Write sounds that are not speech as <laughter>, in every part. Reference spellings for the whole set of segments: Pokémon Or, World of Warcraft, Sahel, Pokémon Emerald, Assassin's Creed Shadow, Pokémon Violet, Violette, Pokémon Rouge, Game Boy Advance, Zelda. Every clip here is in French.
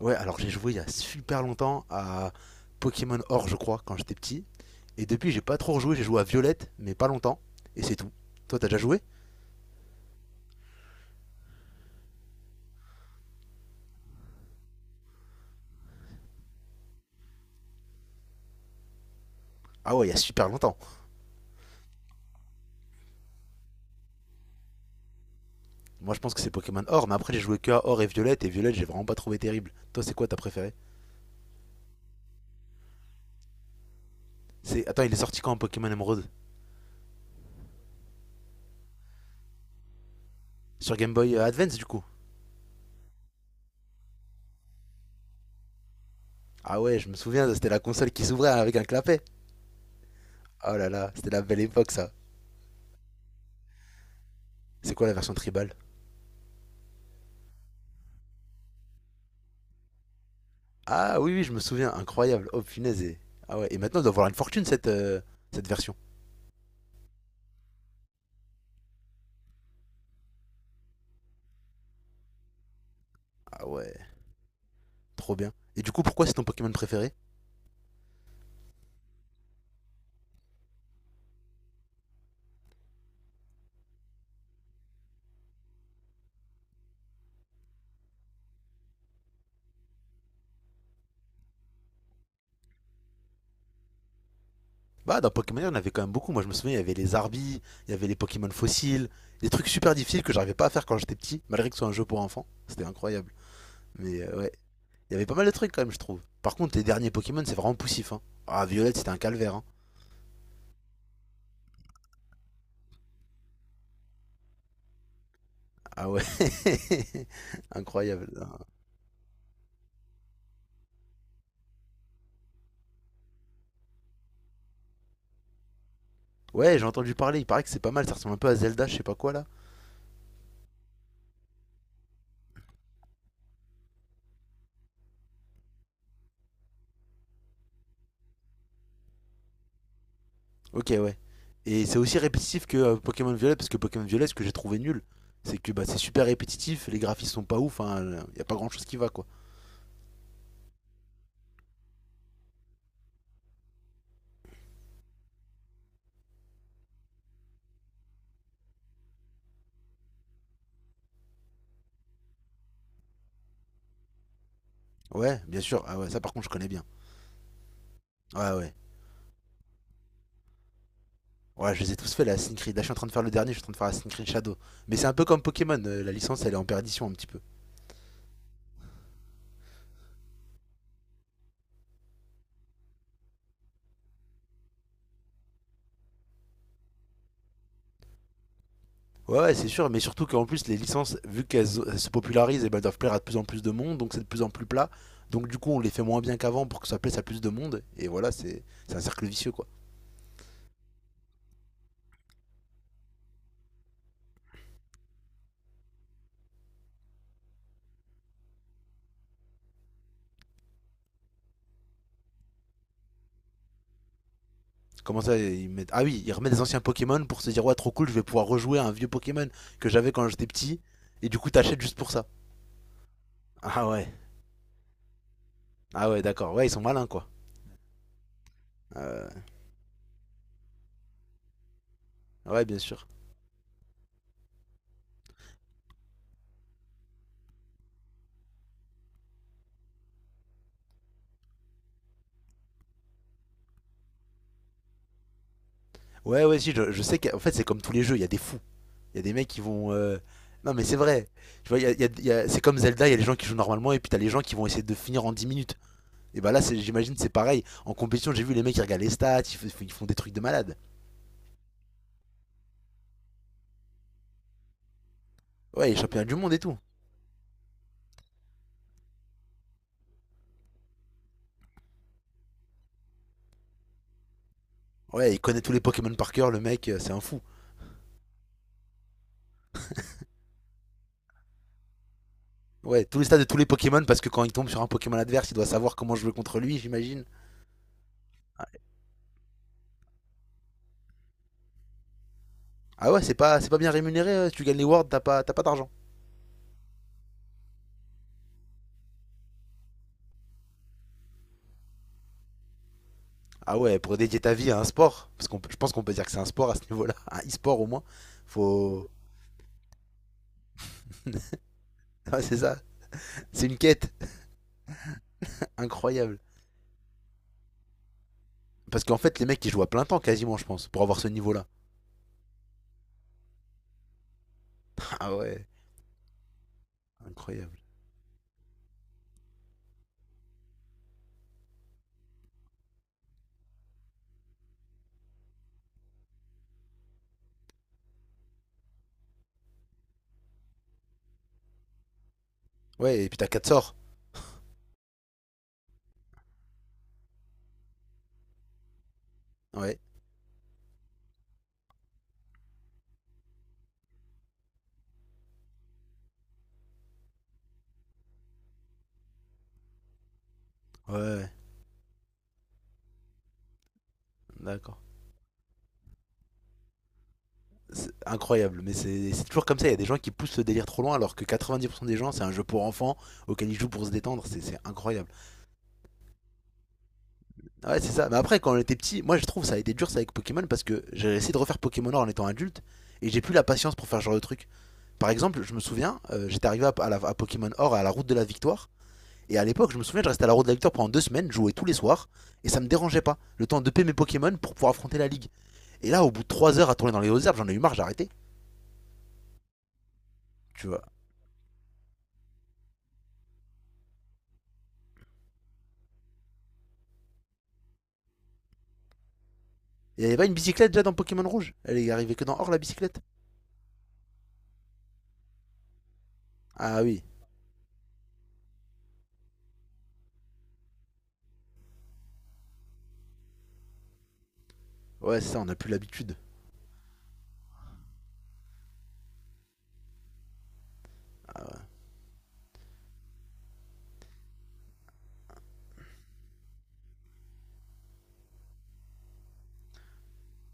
Ouais, alors j'ai joué il y a super longtemps à Pokémon Or, je crois, quand j'étais petit. Et depuis, j'ai pas trop rejoué. J'ai joué à Violette, mais pas longtemps. Et c'est tout. Toi, t'as déjà joué? Ah ouais, il y a super longtemps. Moi, je pense que c'est Pokémon Or, mais après, j'ai joué que à Or et Violette. Et Violette, j'ai vraiment pas trouvé terrible. Toi, c'est quoi ta préférée? C'est... Attends, il est sorti quand Pokémon Emerald? Sur Game Boy Advance, du coup? Ah ouais, je me souviens, c'était la console qui s'ouvrait avec un clapet. Oh là là, c'était la belle époque, ça. C'est quoi la version tribal? Ah oui, oui, je me souviens. Incroyable. Oh, punaise. Ah ouais, et maintenant, elle doit valoir une fortune, cette, cette version. Ah ouais, trop bien. Et du coup, pourquoi c'est ton Pokémon préféré? Bah, dans Pokémon, il y en avait quand même beaucoup. Moi, je me souviens, il y avait les Arbis, il y avait les Pokémon fossiles, des trucs super difficiles que j'arrivais pas à faire quand j'étais petit, malgré que ce soit un jeu pour enfants. C'était incroyable. Mais ouais, il y avait pas mal de trucs quand même, je trouve. Par contre, les derniers Pokémon, c'est vraiment poussif, hein. Ah, Violette, c'était un calvaire, hein. Ah ouais, <laughs> incroyable, hein. Ouais, j'ai entendu parler, il paraît que c'est pas mal, ça ressemble un peu à Zelda, je sais pas quoi là. Ok, ouais. Et c'est aussi répétitif que Pokémon Violet? Parce que Pokémon Violet, ce que j'ai trouvé nul, c'est que bah, c'est super répétitif, les graphismes sont pas ouf, il y a pas grand chose qui va, quoi. Ouais, bien sûr, ah ouais, ça par contre, je connais bien. Ouais, ouais. Ouais, je les ai tous fait, la Assassin's. Je suis en train de faire le dernier, je suis en train de faire la Creed Shadow. Mais c'est un peu comme Pokémon, la licence, elle est en perdition un petit peu. Ouais, ouais, c'est sûr, mais surtout qu'en plus, les licences, vu qu'elles se popularisent, eh ben, elles doivent plaire à de plus en plus de monde, donc c'est de plus en plus plat. Donc du coup, on les fait moins bien qu'avant pour que ça plaise à plus de monde, et voilà, c'est un cercle vicieux, quoi. Comment ça, ils mettent... Ah oui, ils remettent des anciens Pokémon pour se dire, ouais, trop cool, je vais pouvoir rejouer à un vieux Pokémon que j'avais quand j'étais petit. Et du coup, t'achètes juste pour ça. Ah ouais. Ah ouais, d'accord. Ouais, ils sont malins, quoi. Euh, Ouais, bien sûr. Ouais, ouais, si, je sais qu'en fait, c'est comme tous les jeux, il y a des fous. Il y a des mecs qui vont... non, mais c'est vrai. Tu vois, il y a- il y a- il y a- c'est comme Zelda, il y a les gens qui jouent normalement et puis t'as les gens qui vont essayer de finir en 10 minutes. Et bah là, j'imagine, c'est pareil. En compétition, j'ai vu les mecs qui regardent les stats, ils font des trucs de malade. Ouais, il est champion du monde et tout. Ouais, il connaît tous les Pokémon par cœur, le mec, c'est un fou. Ouais, tous les stats de tous les Pokémon parce que quand il tombe sur un Pokémon adverse, il doit savoir comment jouer contre lui, j'imagine. Ah ouais, c'est pas bien rémunéré. Si tu gagnes les Worlds, t'as pas d'argent. Ah ouais, pour dédier ta vie à un sport, parce qu'je pense qu'on peut dire que c'est un sport à ce niveau-là, <laughs> un e-sport au moins. Faut, <laughs> ouais, c'est ça. C'est une quête incroyable. Parce qu'en fait, les mecs ils jouent à plein temps quasiment, je pense, pour avoir ce niveau-là. Ah ouais, incroyable. Ouais, et puis t'as 4 sorts. Ouais, ouais, d'accord. C'est incroyable, mais c'est toujours comme ça. Il y a des gens qui poussent le délire trop loin, alors que 90% des gens, c'est un jeu pour enfants auquel ils jouent pour se détendre. C'est incroyable. Ah ouais, c'est ça. Mais après, quand on était petit, moi je trouve ça a été dur ça avec Pokémon parce que j'ai essayé de refaire Pokémon Or en étant adulte et j'ai plus la patience pour faire ce genre de truc. Par exemple, je me souviens, j'étais arrivé à Pokémon Or à la route de la victoire. Et à l'époque, je me souviens, je restais à la route de la victoire pendant 2 semaines, je jouais tous les soirs, et ça me dérangeait pas. Le temps de payer mes Pokémon pour pouvoir affronter la ligue. Et là, au bout de 3 heures à tourner dans les hautes herbes, j'en ai eu marre, j'ai arrêté. Tu vois. Il y avait pas une bicyclette déjà dans Pokémon Rouge? Elle est arrivée que dans Or, la bicyclette? Ah oui, ouais, c'est ça, on n'a plus l'habitude.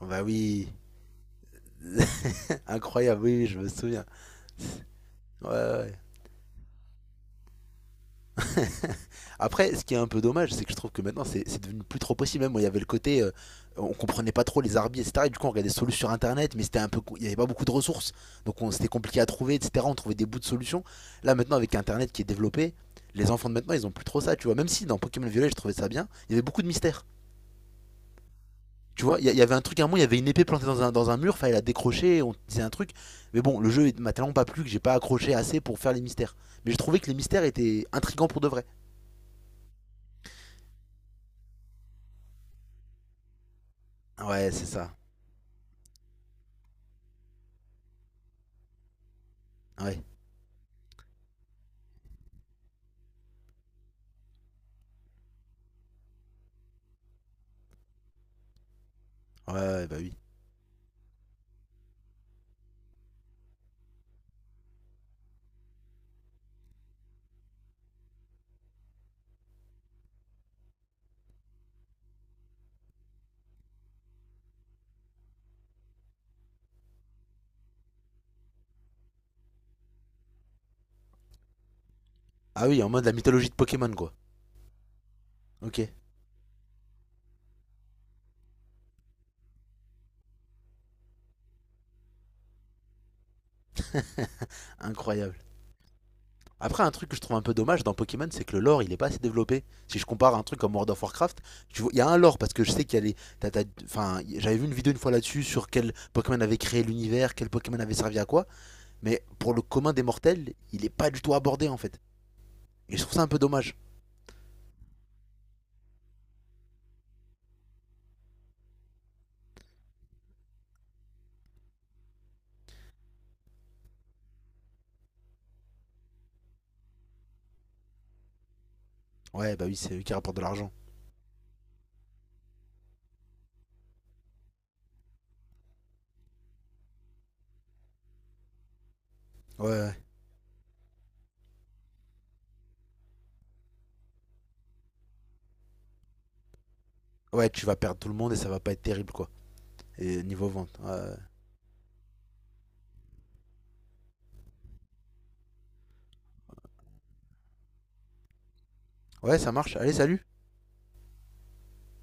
Ah bah oui, <laughs> incroyable, oui, oui, je me souviens. Ouais, ouais, ouais. Après, ce qui est un peu dommage, c'est que je trouve que maintenant, c'est devenu plus trop possible. Même, il y avait le côté, on comprenait pas trop les arbitres, etc. Et du coup, on regardait des solutions sur Internet, mais c'était un peu, il y avait pas beaucoup de ressources. Donc, c'était compliqué à trouver, etc. On trouvait des bouts de solutions. Là, maintenant, avec Internet qui est développé, les enfants de maintenant, ils ont plus trop ça, tu vois. Même si dans Pokémon Violet, je trouvais ça bien, il y avait beaucoup de mystères. Tu vois, y avait un truc à un moment, il y avait une épée plantée dans dans un mur, fallait la décrocher, on disait un truc. Mais bon, le jeu m'a tellement pas plu que j'ai pas accroché assez pour faire les mystères. Mais j'ai trouvé que les mystères étaient intrigants pour de vrai. Ouais, c'est ça. Ouais. Ouais, ouais, bah oui. Ah oui, en mode la mythologie de Pokémon, quoi. Ok. <laughs> Incroyable. Après, un truc que je trouve un peu dommage dans Pokémon, c'est que le lore, il est pas assez développé. Si je compare un truc comme World of Warcraft, tu vois, il y a un lore parce que je sais qu'il y a enfin, j'avais vu une vidéo une fois là-dessus sur quel Pokémon avait créé l'univers, quel Pokémon avait servi à quoi. Mais pour le commun des mortels, il est pas du tout abordé en fait. Et je trouve ça un peu dommage. Ouais, bah oui, c'est eux qui rapportent de l'argent. Ouais, ouais, ouais, tu vas perdre tout le monde et ça va pas être terrible quoi. Et niveau vente. Ouais, ouais, ouais, ça marche. Allez, salut.